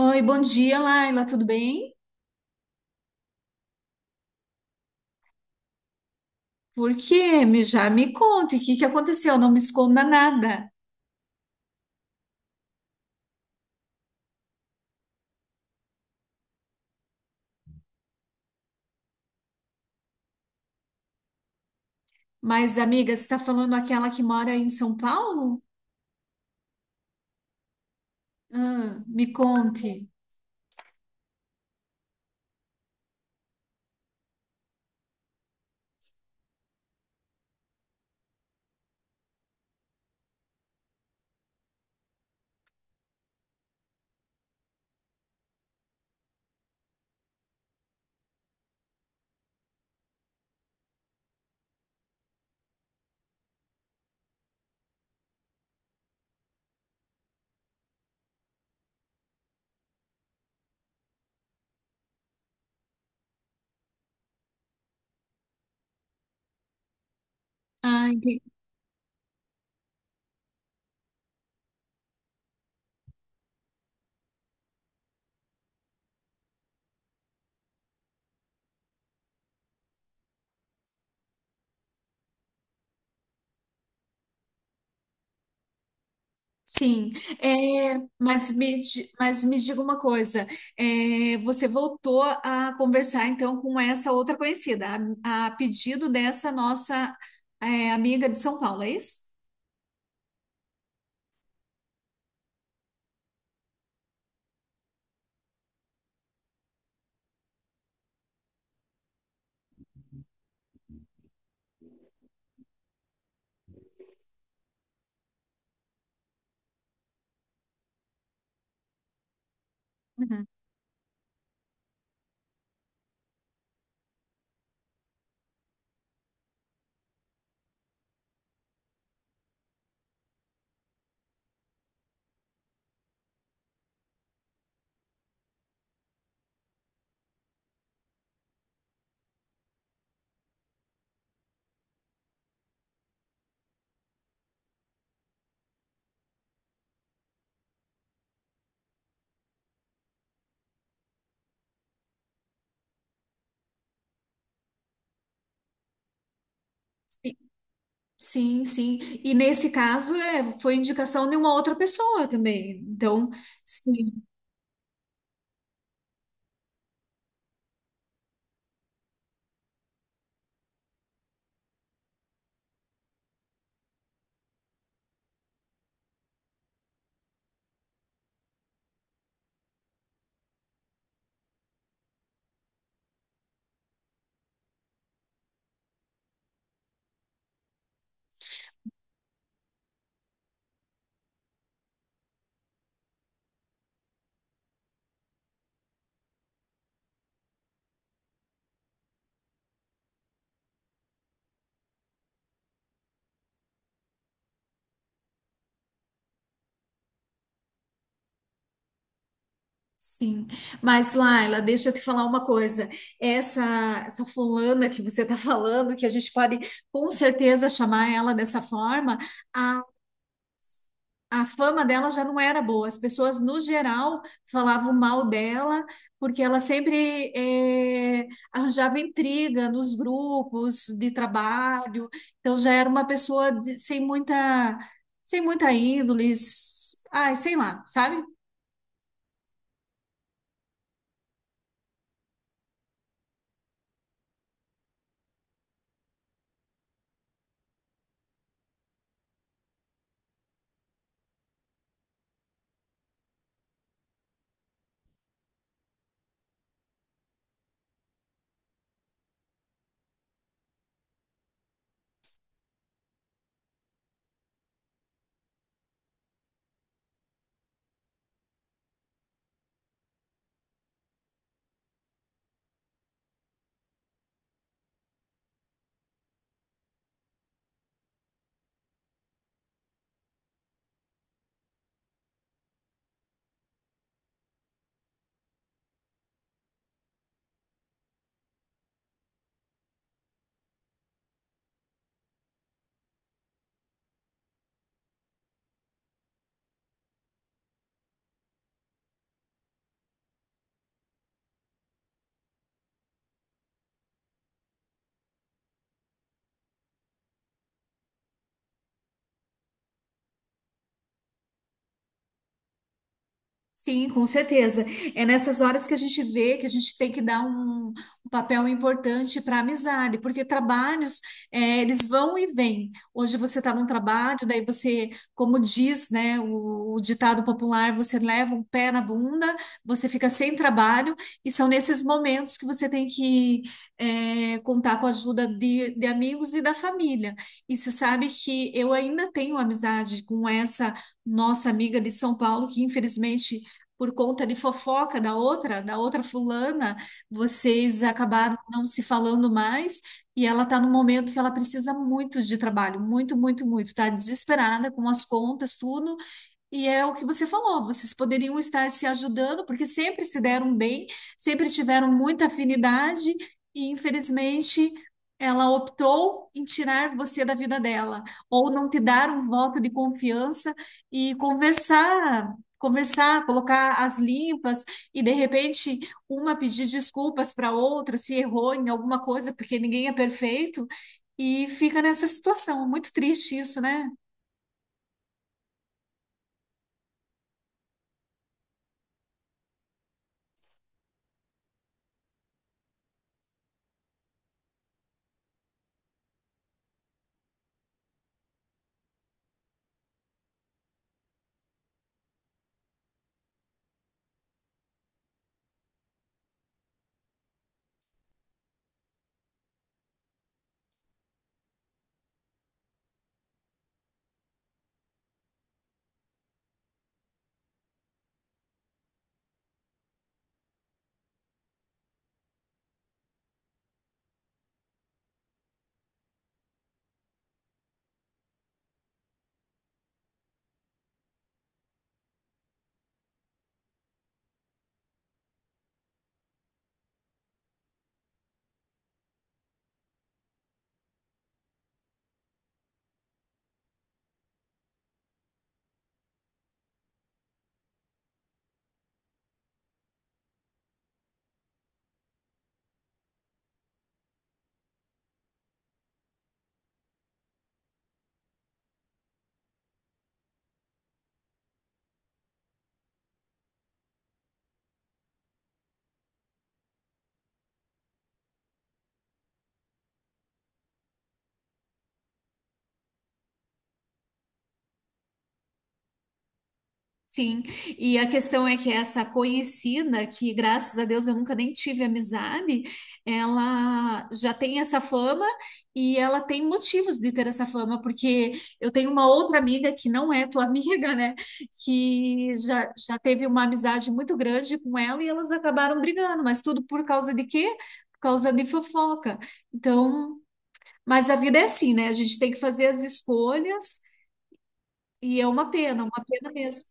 Oi, bom dia, Laila, tudo bem? Por quê? Já me conte, o que que aconteceu? Não me esconda nada. Mas, amiga, você está falando aquela que mora em São Paulo? Ah, me conte. Ah, entendi. Sim, mas, mas me diga uma coisa, você voltou a conversar então com essa outra conhecida, a pedido dessa nossa amiga de São Paulo, é isso? Uhum. Sim, sim. E nesse caso, foi indicação de uma outra pessoa também. Então, sim, sim. Mas, Laila, deixa eu te falar uma coisa. Essa, Essa fulana que você está falando, que a gente pode com certeza chamar ela dessa forma, a fama dela já não era boa. As pessoas, no geral, falavam mal dela, porque ela sempre arranjava intriga nos grupos de trabalho. Então, já era uma pessoa de- sem muita, sem muita índole, ai, sei lá, sabe? Sim, com certeza. É nessas horas que a gente vê que a gente tem que dar um papel importante para a amizade, porque trabalhos, eles vão e vêm. Hoje você está num trabalho, daí você, como diz, né, o ditado popular, você leva um pé na bunda, você fica sem trabalho, e são nesses momentos que você tem que, contar com a ajuda de amigos e da família. E você sabe que eu ainda tenho amizade com essa nossa amiga de São Paulo, que infelizmente por conta de fofoca da outra fulana, vocês acabaram não se falando mais e ela está num momento que ela precisa muito de trabalho, muito, muito, muito, está desesperada com as contas, tudo, e é o que você falou, vocês poderiam estar se ajudando, porque sempre se deram bem, sempre tiveram muita afinidade, e infelizmente ela optou em tirar você da vida dela, ou não te dar um voto de confiança e conversar, conversar, colocar as limpas, e de repente uma pedir desculpas para outra se errou em alguma coisa, porque ninguém é perfeito, e fica nessa situação. É muito triste isso, né? Sim, e a questão é que essa conhecida, que graças a Deus eu nunca nem tive amizade, ela já tem essa fama e ela tem motivos de ter essa fama, porque eu tenho uma outra amiga que não é tua amiga, né? Que já, já teve uma amizade muito grande com ela e elas acabaram brigando, mas tudo por causa de quê? Por causa de fofoca. Então, mas a vida é assim, né? A gente tem que fazer as escolhas e é uma pena mesmo.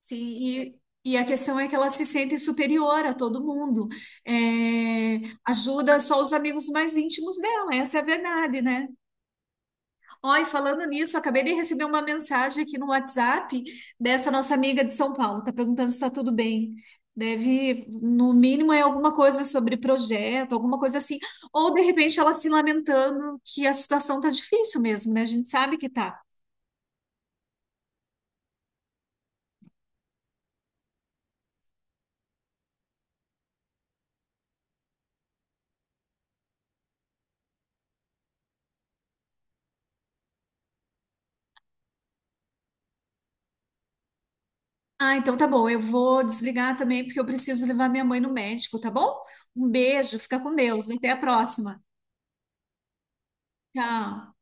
Sim, e a questão é que ela se sente superior a todo mundo. É, ajuda só os amigos mais íntimos dela, essa é a verdade, né? Ó, e falando nisso, acabei de receber uma mensagem aqui no WhatsApp dessa nossa amiga de São Paulo, tá perguntando se está tudo bem. Deve, no mínimo, é alguma coisa sobre projeto, alguma coisa assim. Ou de repente ela se lamentando que a situação tá difícil mesmo, né? A gente sabe que tá. Ah, então tá bom. Eu vou desligar também porque eu preciso levar minha mãe no médico, tá bom? Um beijo, fica com Deus. Até a próxima. Tchau.